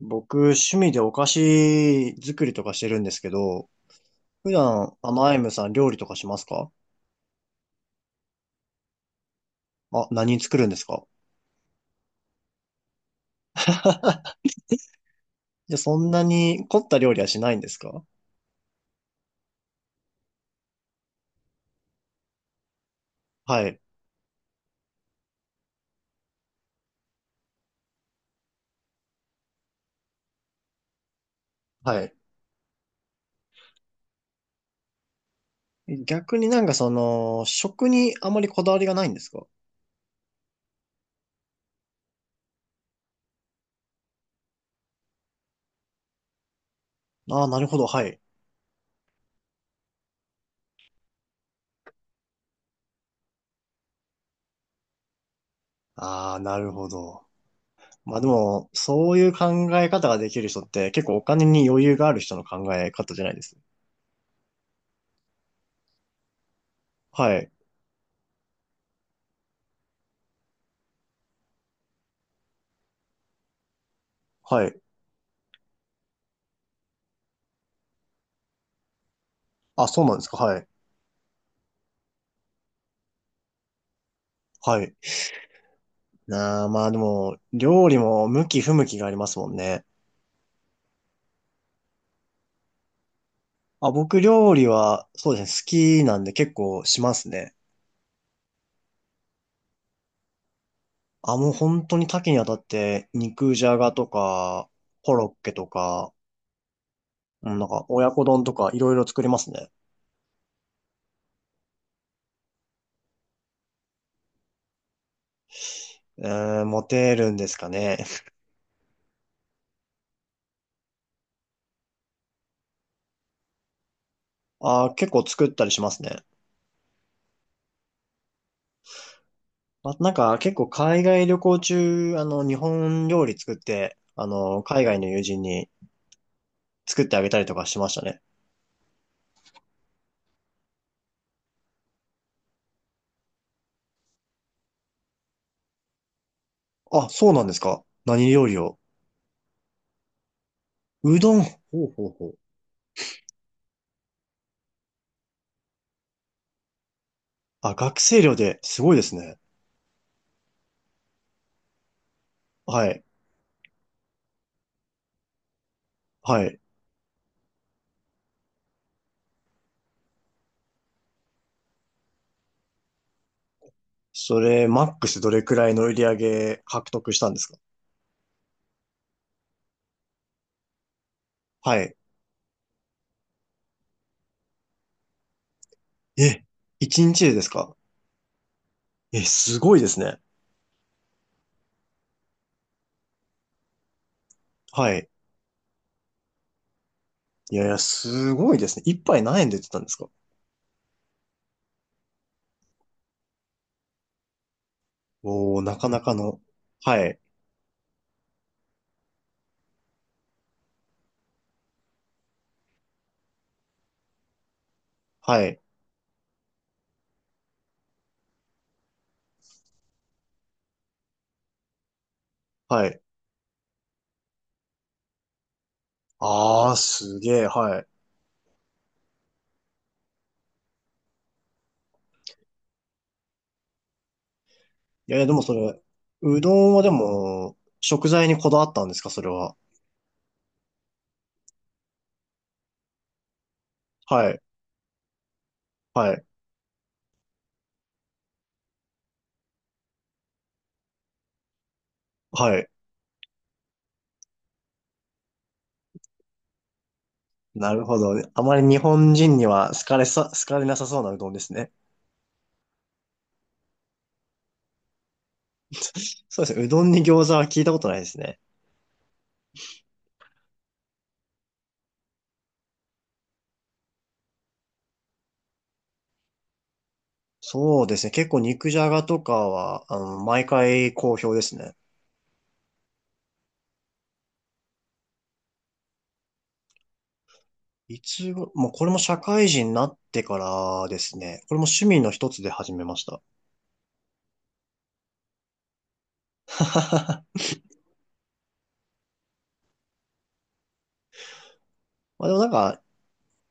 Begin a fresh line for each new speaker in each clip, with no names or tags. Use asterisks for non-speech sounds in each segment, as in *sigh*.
僕、趣味でお菓子作りとかしてるんですけど、普段、アイムさん料理とかしますか？あ、何作るんですか？ *laughs* じゃあ *laughs*、そんなに凝った料理はしないんですか？はい。はい。逆になんかその、食にあまりこだわりがないんですか？ああー、なるほど。はい。ああ、なるほど。まあでも、そういう考え方ができる人って結構お金に余裕がある人の考え方じゃないです。はい。はい。あ、そうなんですか。はい。はい。なあ、まあでも、料理も向き不向きがありますもんね。あ、僕料理は、そうですね、好きなんで結構しますね。あ、もう本当に多岐にわたって、肉じゃがとか、コロッケとか、うんなんか親子丼とかいろいろ作りますね。えー、モテるんですかね。あ、結構作ったりしますね。あ、なんか結構海外旅行中、日本料理作って、海外の友人に作ってあげたりとかしましたね。あ、そうなんですか。何料理を。うどん。ほうほうほう。あ、学生寮ですごいですね。はい。はい。それ、マックスどれくらいの売り上げ獲得したんですか？はい。え、1日でですか？え、すごいですね。はい。いやいや、すごいですね。一杯何円で売ってたんですか？おー、なかなかの。はい。はい。はい。あー、すげえ。はい。いやいや、でもそれ、うどんはでも、食材にこだわったんですかそれは。はい。はい。はい。なるほど。あまり日本人には好かれさ、好かれなさそうなうどんですね。そうですね。うどんに餃子は聞いたことないですね。そうですね。結構肉じゃがとかは、毎回好評ですね。いつご、もうこれも社会人になってからですね。これも趣味の一つで始めました。*laughs* まあでもなんか、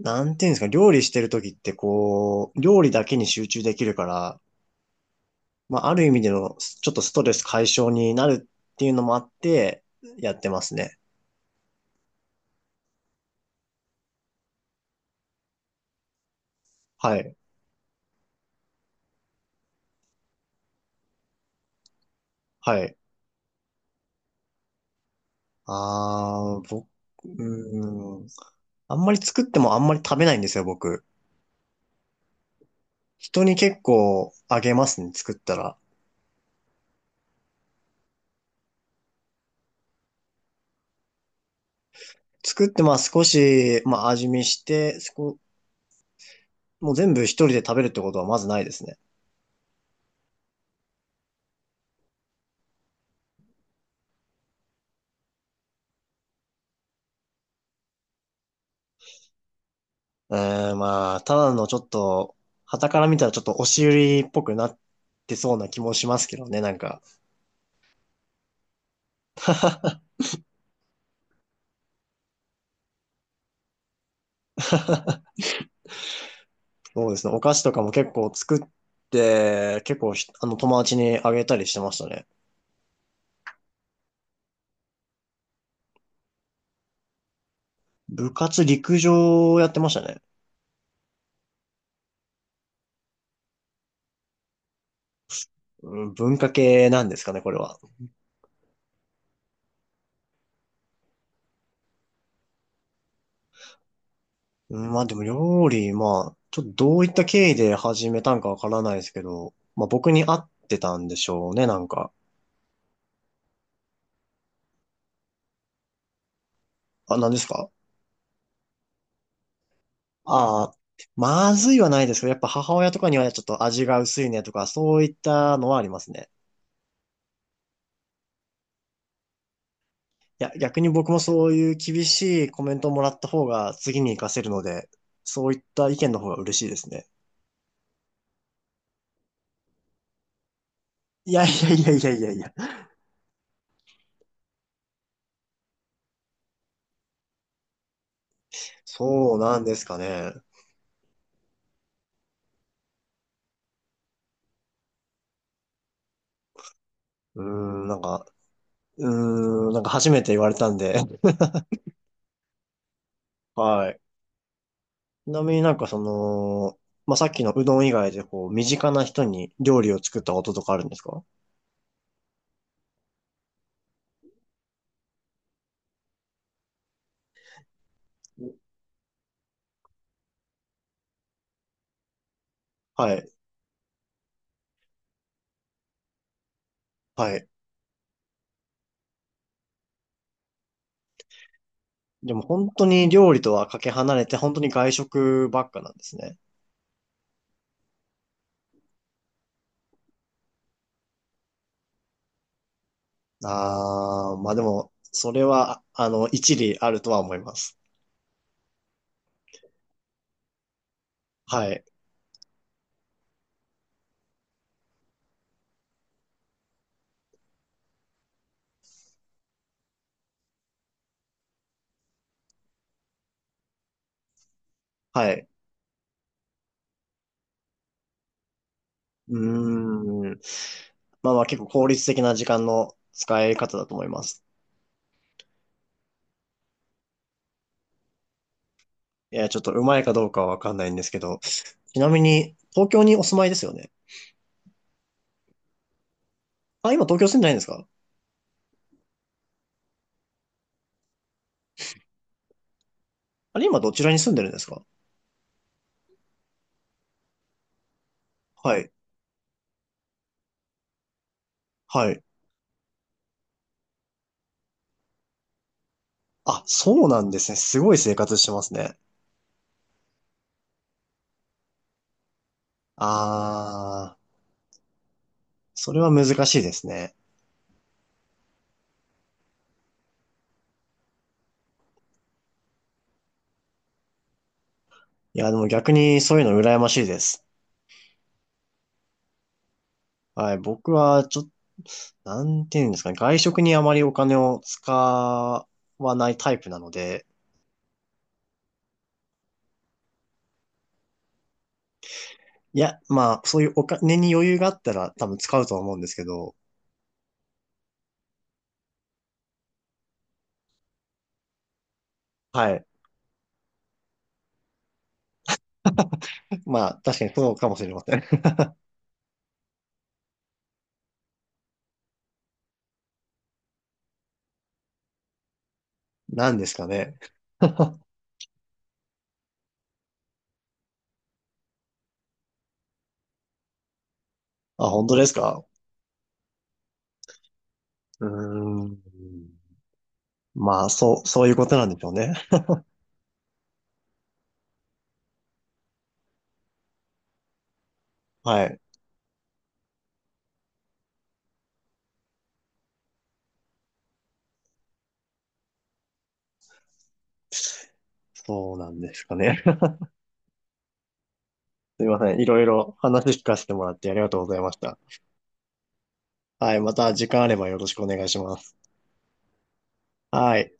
なんていうんですか、料理してる時ってこう、料理だけに集中できるから、まあある意味でのちょっとストレス解消になるっていうのもあって、やってますね。はい。はい。ああ、僕、うーん。あんまり作ってもあんまり食べないんですよ、僕。人に結構あげますね、作ったら。作って、まあ少し、まあ味見して、そこ、もう全部一人で食べるってことはまずないですね。うーん、まあ、ただのちょっと、傍から見たらちょっと押し売りっぽくなってそうな気もしますけどね、なんか。そうですね、お菓子とかも結構作って、結構ひ、友達にあげたりしてましたね。部活陸上やってましたね。うん文化系なんですかね、これは。うんまあでも料理、まあ、ちょっとどういった経緯で始めたんかわからないですけど、まあ僕に合ってたんでしょうね、なんか。あ、何ですか？ああー、まずいはないですけど、やっぱ母親とかにはちょっと味が薄いねとか、そういったのはありますね。いや、逆に僕もそういう厳しいコメントをもらった方が次に活かせるので、そういった意見の方が嬉しいですね。いやいやいやいやいやいや。そうなんですかね。うーん、なんか、うーん、なんか初めて言われたんで、*laughs* はい。ちなみになんかその、まあ、さっきのうどん以外でこう、身近な人に料理を作ったこととかあるんですか？はい、はい。でも本当に料理とはかけ離れて、本当に外食ばっかなんですね。ああまあでも、それは、一理あるとは思います。はい、はい。うーん。まあまあ結構効率的な時間の使い方だと思います。いや、ちょっとうまいかどうかはわかんないんですけど、ちなみに、東京にお住まいですよね。あ、今東京住んでないんですか？あれ、今どちらに住んでるんですか？はい。はい。あ、そうなんですね。すごい生活してますね。あー、それは難しいですね。いや、でも逆にそういうの羨ましいです。はい。僕は、ちょっと、なんていうんですかね。外食にあまりお金を使わないタイプなので、いや、まあ、そういうお金に余裕があったら多分使うとは思うんですけど、はい。まあ、確かにそうかもしれません。*laughs* なんですかね。*laughs* あ、本当ですか？うーん。まあ、そう、そういうことなんでしょうね。はい。そうなんですかね。*laughs* すいません。いろいろ話聞かせてもらってありがとうございました。はい。また時間あればよろしくお願いします。はい。